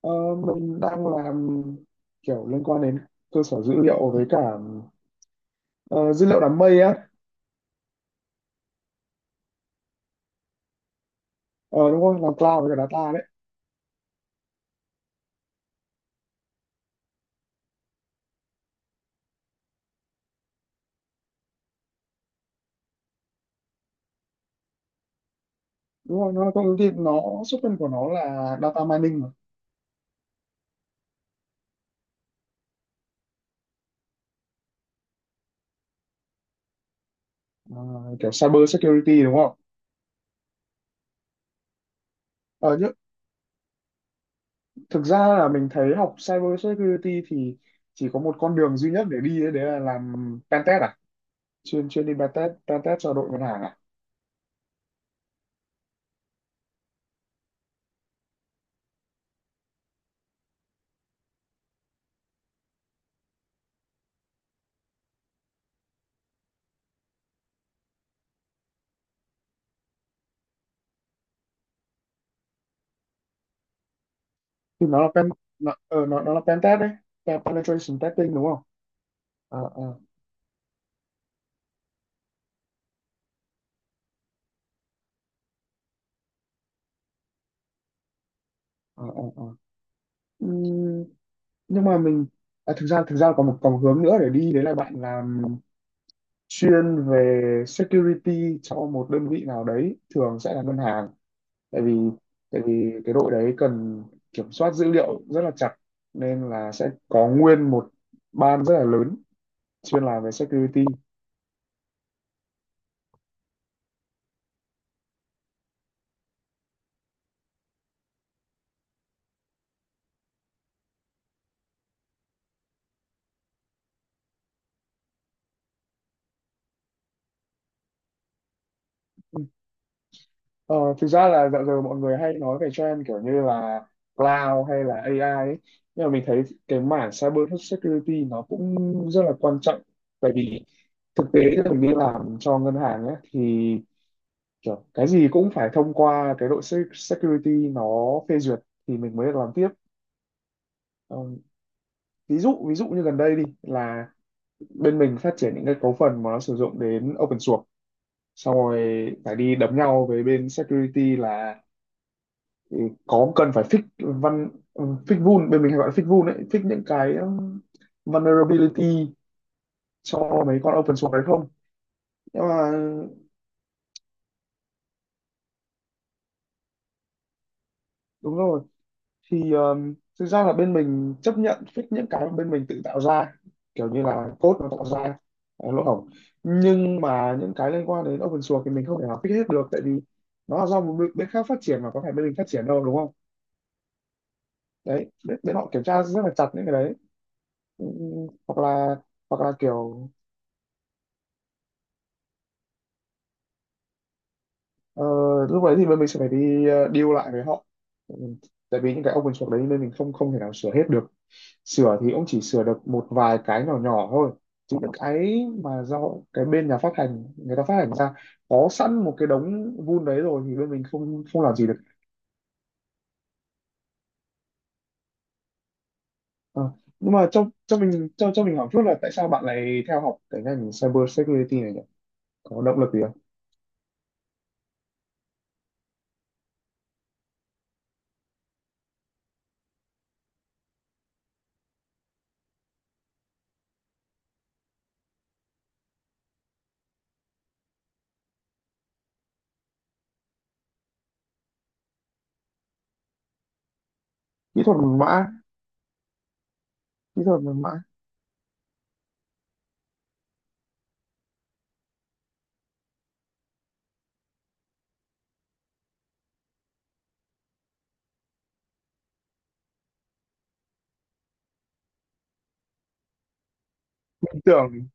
Ờ, mình đang làm kiểu liên quan đến cơ sở dữ liệu với cả ờ, dữ liệu đám mây á. Ờ, đúng rồi, làm cloud với cả data đấy. Đúng rồi, nó công ty nó xuất thân của nó là data mining mà. Ờ, kiểu cyber security đúng không? Ờ, nhưng thực ra là mình thấy học cyber security thì chỉ có một con đường duy nhất để đi ấy, đấy là làm pentest à, chuyên chuyên đi pentest pentest cho đội ngân hàng à. Thì nó là pen, nó là pentest đấy. Pen- penetration testing đúng không? Ờ ờ ờ ờ. Ờ. Nhưng mà mình, thực ra còn một hướng nữa để đi, đấy là bạn làm chuyên về security cho một đơn vị nào đấy, thường sẽ là ngân hàng. Tại vì tại vì cái đội đấy cần kiểm soát dữ liệu rất là chặt, nên là sẽ có nguyên một ban rất là lớn chuyên làm về security. Ờ, thực ra là dạo giờ mọi người hay nói về trend kiểu như là cloud hay là AI ấy. Nhưng mà mình thấy cái mảng cyber security nó cũng rất là quan trọng, tại vì thực tế là mình đi làm cho ngân hàng ấy, thì kiểu cái gì cũng phải thông qua cái đội se- security nó phê duyệt thì mình mới được làm tiếp. Ờ, ví dụ như gần đây đi là bên mình phát triển những cái cấu phần mà nó sử dụng đến open source, xong rồi phải đi đấm nhau với bên security là thì có cần phải fix văn, fix vun, bên mình hay gọi là fix vun ấy, fix những cái vulnerability cho mấy con open source đấy không. Nhưng mà đúng rồi. Thì thực ra là bên mình chấp nhận fix những cái mà bên mình tự tạo ra, kiểu như là code nó tạo ra lỗ hổng. Nhưng mà những cái liên quan đến open source thì mình không thể nào fix hết được, tại vì nó là do một bên bên khác phát triển mà có phải bên mình phát triển đâu đúng không. Đấy, bên họ kiểm tra rất là chặt những cái đấy. Ừ, hoặc là, hoặc là kiểu. Ờ, lúc đấy thì bên mình sẽ phải đi deal lại với họ. Ừ, tại vì những cái open source đấy nên mình không không thể nào sửa hết được. Sửa thì cũng chỉ sửa được một vài cái nhỏ nhỏ thôi, chứ những cái mà do cái bên nhà phát hành người ta phát hành ra có sẵn một cái đống vun đấy rồi thì bên mình không không làm gì được. Ờ, nhưng mà cho mình hỏi chút là tại sao bạn lại theo học cái ngành cyber security này nhỉ, có động lực gì không? Kỹ thuật mật mã. Kỹ thuật mật mã. Tưởng,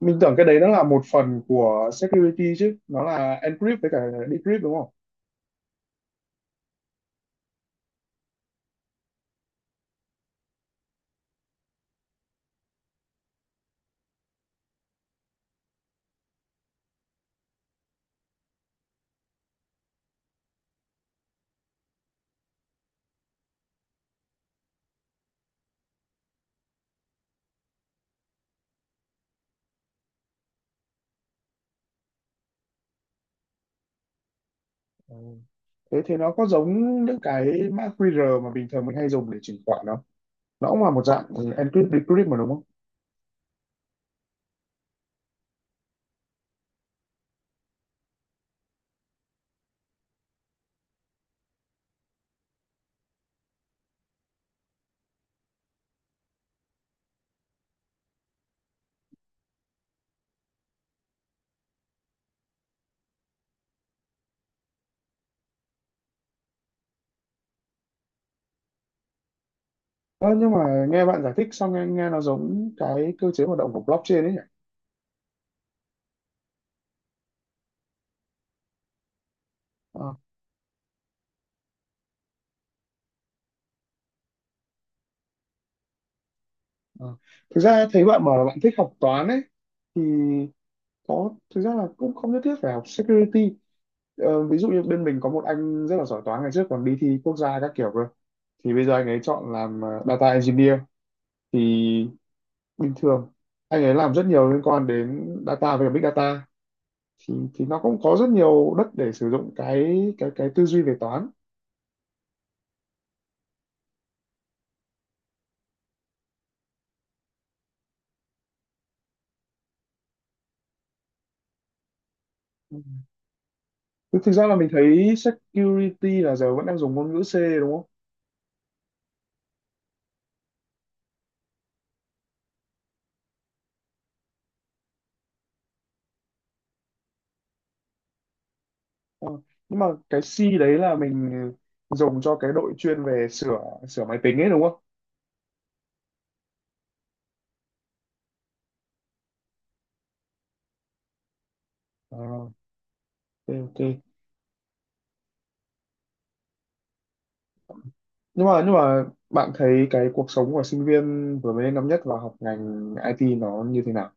mình tưởng cái đấy nó là một phần của security chứ, nó là encrypt với cả decrypt đúng không. Ừ. Thế thì nó có giống những cái mã QR mà bình thường mình hay dùng để chuyển khoản không? Nó cũng là một dạng encrypt decrypt mà đúng không. Ờ, nhưng mà nghe bạn giải thích xong nghe, nghe nó giống cái cơ chế hoạt động của blockchain ấy nhỉ. Ờ. Ờ. Thực ra thấy bạn bảo là bạn thích học toán ấy, thì có, thực ra là cũng không nhất thiết phải học security. Ờ, ví dụ như bên mình có một anh rất là giỏi toán, ngày trước còn đi thi quốc gia các kiểu cơ, thì bây giờ anh ấy chọn làm data engineer. Thì bình thường anh ấy làm rất nhiều liên quan đến data, về big data, thì nó cũng có rất nhiều đất để sử dụng cái tư duy về toán. Ừ. Thực thực ra là mình thấy security là giờ vẫn đang dùng ngôn ngữ C đúng không? Ờ, nhưng mà cái C đấy là mình dùng cho cái đội chuyên về sửa sửa máy tính ấy đúng không? Ờ, ok, ok. Nhưng mà bạn thấy cái cuộc sống của sinh viên vừa mới lên năm nhất và học ngành IT nó như thế nào?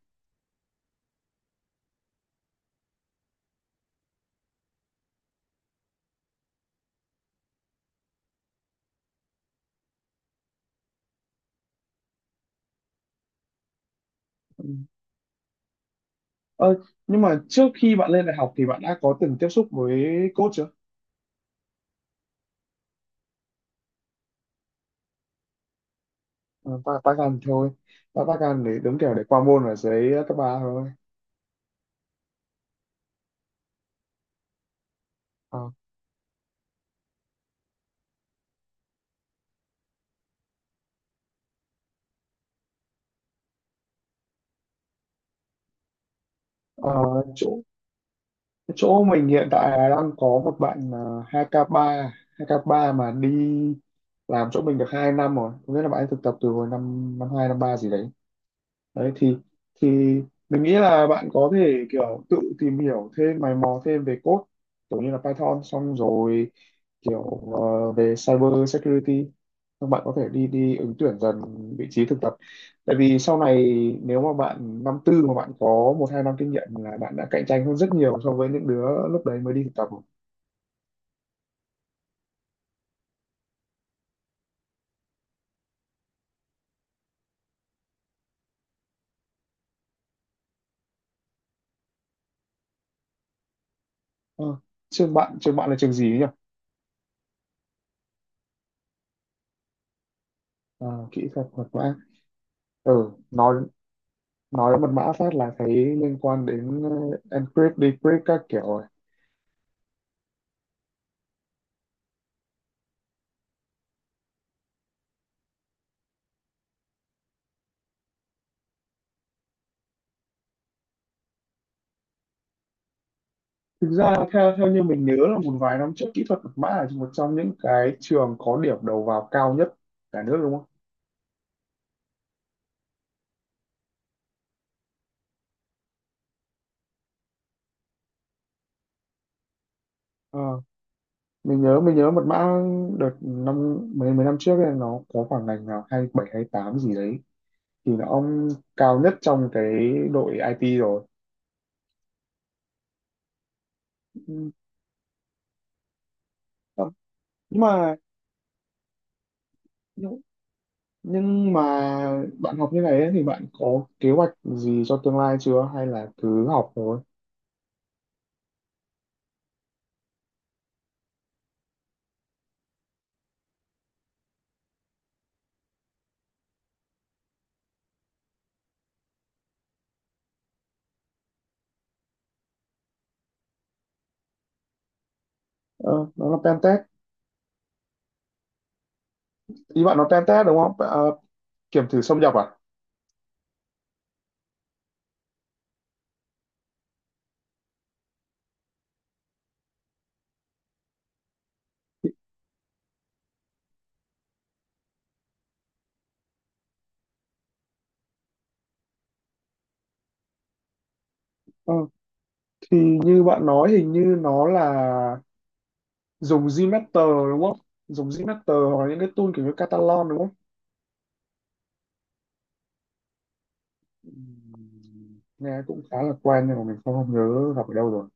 Ờ, nhưng mà trước khi bạn lên đại học thì bạn đã có từng tiếp xúc với code chưa? Ờ, ta Python thôi. Ta Python để đúng kiểu để qua môn ở dưới cấp ba thôi. Ờ, ờ, chỗ chỗ mình hiện tại là đang có một bạn 2K3, 2K3 mà đi làm chỗ mình được 2 năm rồi. Có nghĩa là bạn ấy thực tập từ hồi năm năm 2 năm 3 gì đấy. Đấy thì mình nghĩ là bạn có thể kiểu tự tìm hiểu thêm, mày mò thêm về code kiểu như là Python, xong rồi kiểu về cyber security. Xong bạn có thể đi đi ứng tuyển dần vị trí thực tập, tại vì sau này nếu mà bạn năm tư mà bạn có một hai năm kinh nghiệm là bạn đã cạnh tranh hơn rất nhiều so với những đứa lúc đấy mới đi thực tập rồi. Ờ, trường bạn là trường gì ấy nhỉ. À, kỹ thuật thuật mã. Ừ, nói mật mã phát là thấy liên quan đến encrypt decrypt các kiểu rồi. Thực ra theo theo như mình nhớ là một vài năm trước kỹ thuật mật mã là một trong những cái trường có điểm đầu vào cao nhất cả nước đúng không. Ờ, mình nhớ mật mã đợt năm mấy, mấy năm trước ấy, nó có khoảng ngành nào hai bảy hay tám gì đấy thì là ông cao nhất trong cái đội IT rồi. Ừ, nhưng mà nhưng nhưng mà bạn học như này ấy, thì bạn có kế hoạch gì cho tương lai chưa hay là cứ học thôi. Ờ, nó làm tem test, ý bạn nó tem test đúng không? À, kiểm thử xâm nhập à. Thì, ờ, thì như bạn nói hình như nó là dùng Gmeter đúng không, dùng Gmeter hoặc là những cái tool kiểu như Catalan đúng không. Nghe cũng khá là quen nhưng mà mình không nhớ gặp ở đâu rồi.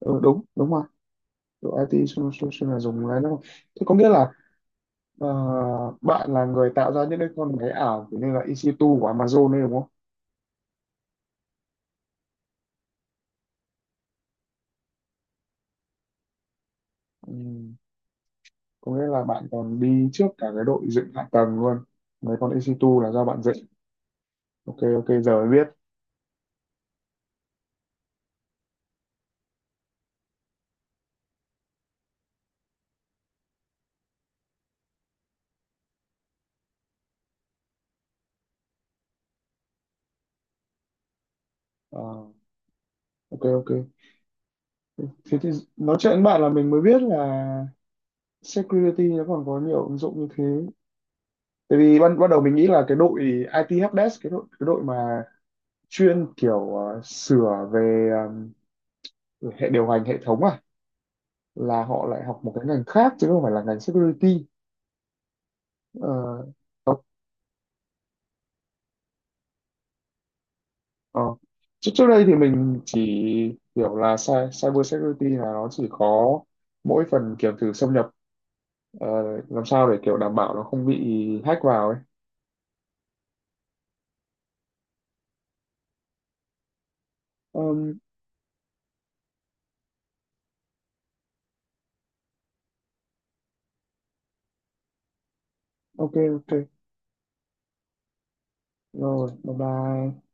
Ừ, đúng đúng rồi. Độ IT solution là dùng cái đó. Thế có nghĩa là ờ, bạn là người tạo ra những cái con máy ảo kiểu như là EC2 của Amazon đấy đúng không. Có nghĩa là bạn còn đi trước cả cái đội dựng hạ tầng luôn, mấy con EC2 là do bạn dựng. Ok, ok, giờ mới biết. Ờ, ok, ok. Thế thì nói chuyện với bạn là mình mới biết là security nó còn có nhiều ứng dụng như thế, tại vì ban ban đầu mình nghĩ là cái đội IT helpdesk, cái đội mà chuyên kiểu sửa về ờ, hệ điều hành, hệ thống à, là họ lại học một cái ngành khác chứ không phải là ngành security. Ờ. Ờ. Trước trước đây thì mình chỉ hiểu là cy- cyber security là nó chỉ có mỗi phần kiểu thử xâm nhập, ờ, làm sao để kiểu đảm bảo nó không bị hack vào ấy. Ờm, ok ok rồi bye bye.